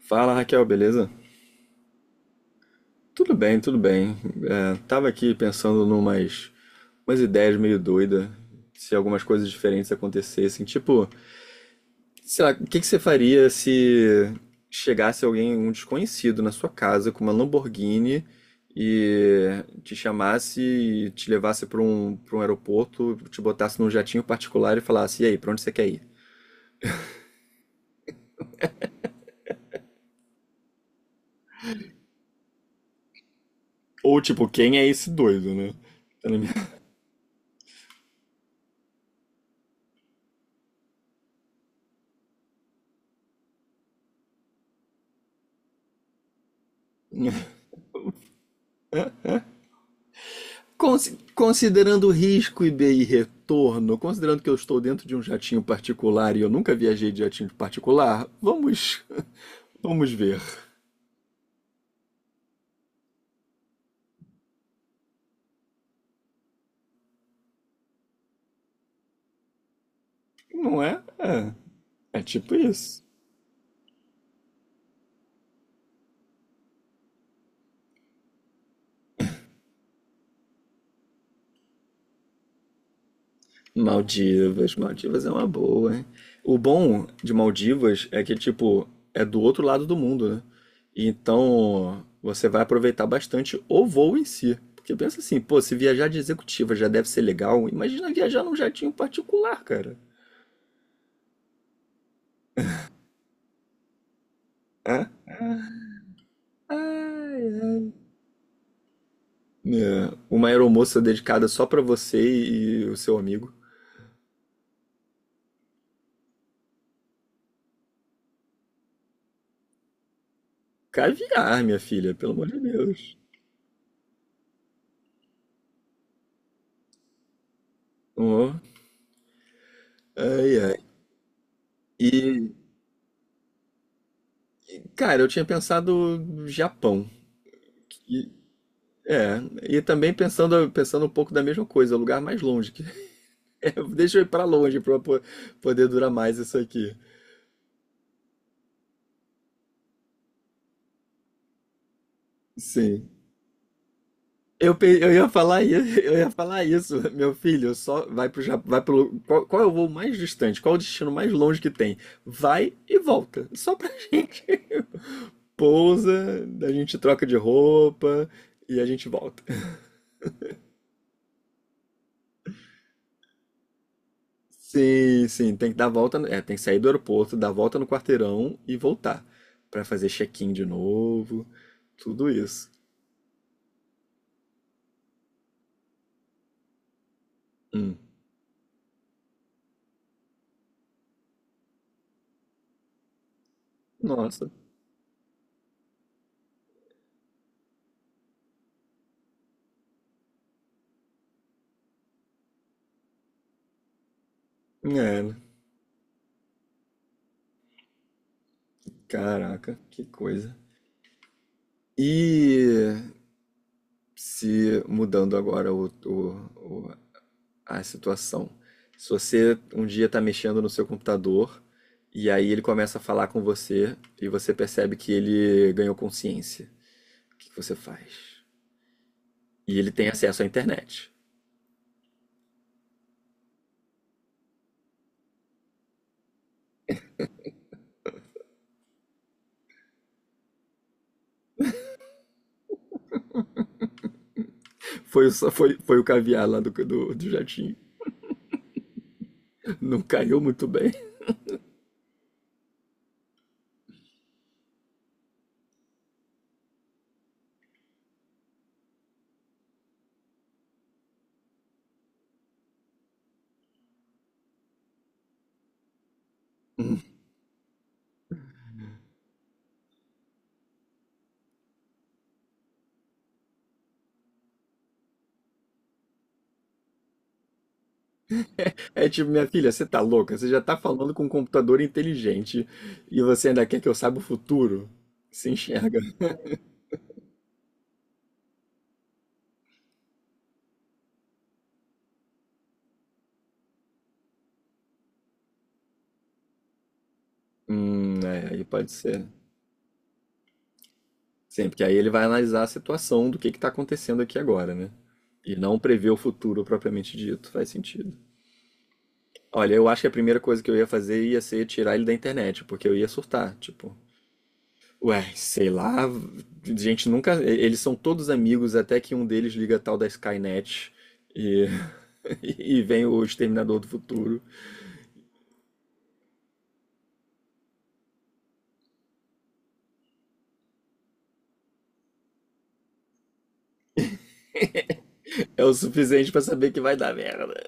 Fala Raquel, beleza? Tudo bem, tudo bem. Tava aqui pensando numas umas ideias meio doidas, se algumas coisas diferentes acontecessem. Tipo, sei lá, o que que você faria se chegasse alguém, um desconhecido, na sua casa com uma Lamborghini e te chamasse e te levasse para um aeroporto, te botasse num jatinho particular e falasse: E aí, pra onde você quer ir? Ou tipo, quem é esse doido, né? Tá. Considerando risco e bem e retorno, considerando que eu estou dentro de um jatinho particular e eu nunca viajei de jatinho particular, vamos, vamos ver. Não é? É tipo isso. Maldivas, Maldivas é uma boa, hein? O bom de Maldivas é que, tipo, é do outro lado do mundo, né? Então, você vai aproveitar bastante o voo em si. Porque pensa assim, pô, se viajar de executiva já deve ser legal, imagina viajar num jatinho particular, cara. É? Ai, ai. É, uma aeromoça dedicada só pra você e o seu amigo. Caviar, minha filha, pelo amor de Deus. Ó, ai, ai. E, cara, eu tinha pensado no Japão. E, é, e também pensando, pensando um pouco da mesma coisa, lugar mais longe. Que- é, deixa eu ir pra longe pra poder durar mais isso aqui. Sim. Eu ia falar isso, eu ia falar isso, meu filho, só vai pro Japão, vai pro, qual, qual é o voo mais distante? Qual é o destino mais longe que tem? Vai e volta, só pra gente pousa, a gente troca de roupa e a gente volta. Sim, sim, tem que dar a volta, é, tem que sair do aeroporto, dar a volta no quarteirão e voltar. Pra fazer check-in de novo, tudo isso. Hum. Nossa, é, né? Caraca, que coisa. E se mudando agora a situação. Se você um dia está mexendo no seu computador e aí ele começa a falar com você e você percebe que ele ganhou consciência, o que que você faz? E ele tem acesso à internet. Foi, foi o caviar lá do jatinho. Não caiu muito bem. É tipo, minha filha, você tá louca? Você já tá falando com um computador inteligente e você ainda quer que eu saiba o futuro? Se enxerga. É, aí pode ser. Sim, porque aí ele vai analisar a situação do que está acontecendo aqui agora, né? E não prever o futuro propriamente dito. Faz sentido. Olha, eu acho que a primeira coisa que eu ia fazer ia ser tirar ele da internet, porque eu ia surtar. Tipo, ué, sei lá, gente nunca. Eles são todos amigos, até que um deles liga a tal da Skynet. E, e vem o Exterminador do Futuro. É o suficiente pra saber que vai dar merda.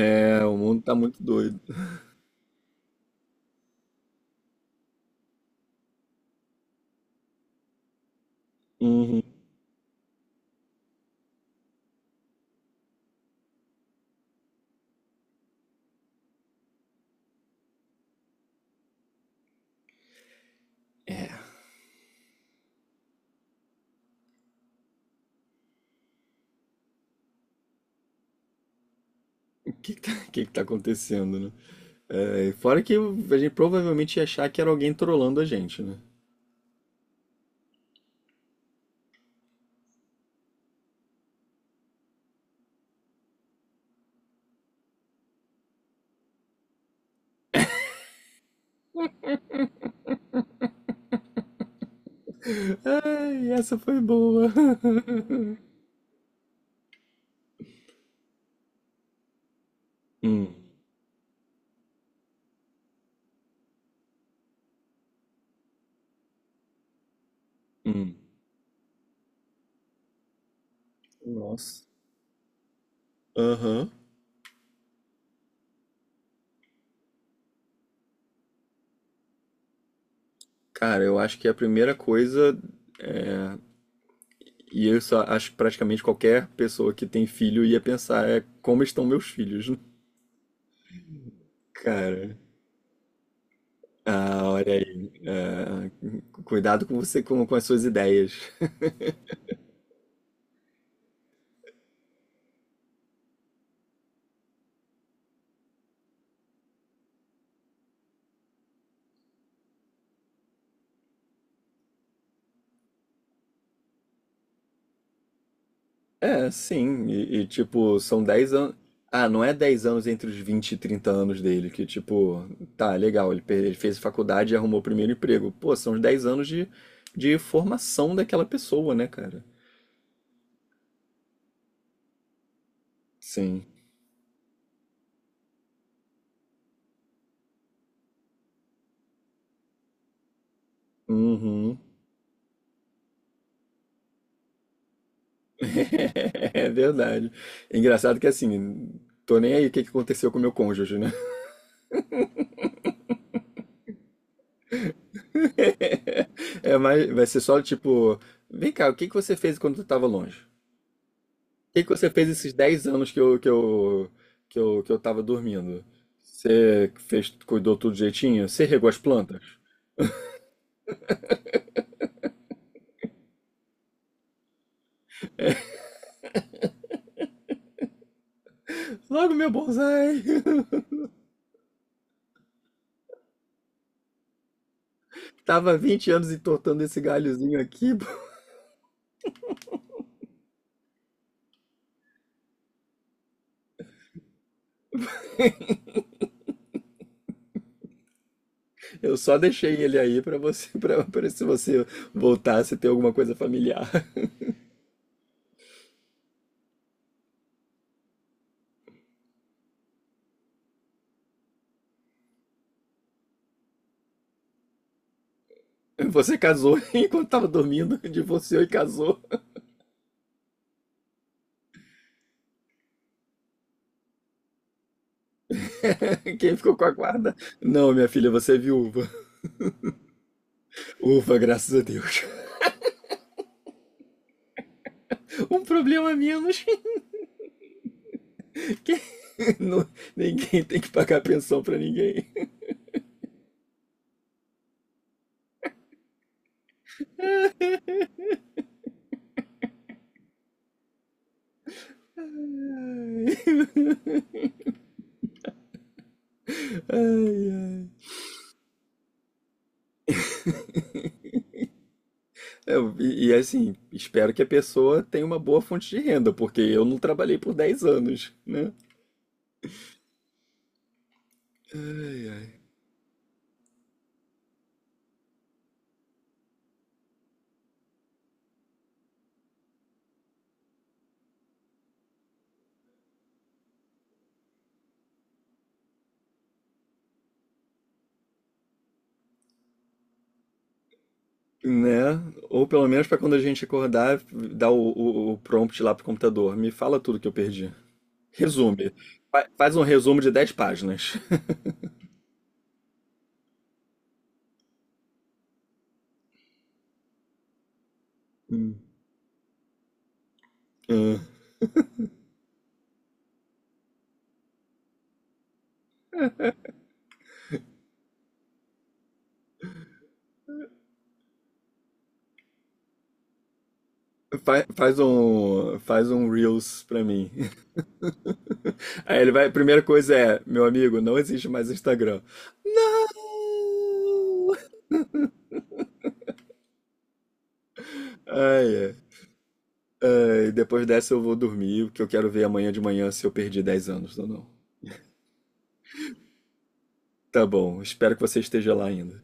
É, o mundo tá muito doido. Uhum. O que que tá, que tá acontecendo, né? É, fora que a gente provavelmente ia achar que era alguém trolando a gente, né? Ai, essa foi boa. Hum, hum. Nossa. Aham. Cara, eu acho que a primeira coisa, e eu só acho que praticamente qualquer pessoa que tem filho ia pensar, é como estão meus filhos, né? Cara. Ah, olha aí. Ah, cuidado com você, com as suas ideias. É, sim. Tipo, são 10 anos. Ah, não é 10 anos entre os 20 e 30 anos dele, que tipo, tá, legal, ele, ele fez faculdade e arrumou o primeiro emprego. Pô, são os 10 anos de formação daquela pessoa, né, cara? Sim. Uhum. É verdade. Engraçado que assim, tô nem aí o que que aconteceu com o meu cônjuge, né? É, mas vai ser só tipo, vem cá, o que que você fez quando tu tava longe? Que você fez esses 10 anos que eu tava dormindo? Você fez, cuidou tudo direitinho? Você regou as plantas? Logo meu bonsai! Tava 20 anos entortando esse galhozinho aqui. Pô. Eu só deixei ele aí pra você, pra se você voltasse a ter alguma coisa familiar. Você casou enquanto tava dormindo, divorciou e casou. Quem ficou com a guarda? Não, minha filha, você é viúva. Ufa, graças a Deus. Um problema a menos. Não, ninguém tem que pagar pensão pra ninguém. Ai, ai. Assim, espero que a pessoa tenha uma boa fonte de renda, porque eu não trabalhei por 10 anos, né? Ai, ai. Né? Ou pelo menos pra quando a gente acordar, dar o prompt lá pro computador. Me fala tudo que eu perdi. Resume. Faz um resumo de 10 páginas. Hum. Ah. Faz um Reels pra mim. Aí ele vai, a primeira coisa é, meu amigo, não existe mais Instagram. Não! Ai, ai. Ai, depois dessa eu vou dormir, porque eu quero ver amanhã de manhã se eu perdi 10 anos ou não. Tá bom, espero que você esteja lá ainda.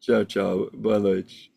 Tchau, tchau. Boa noite.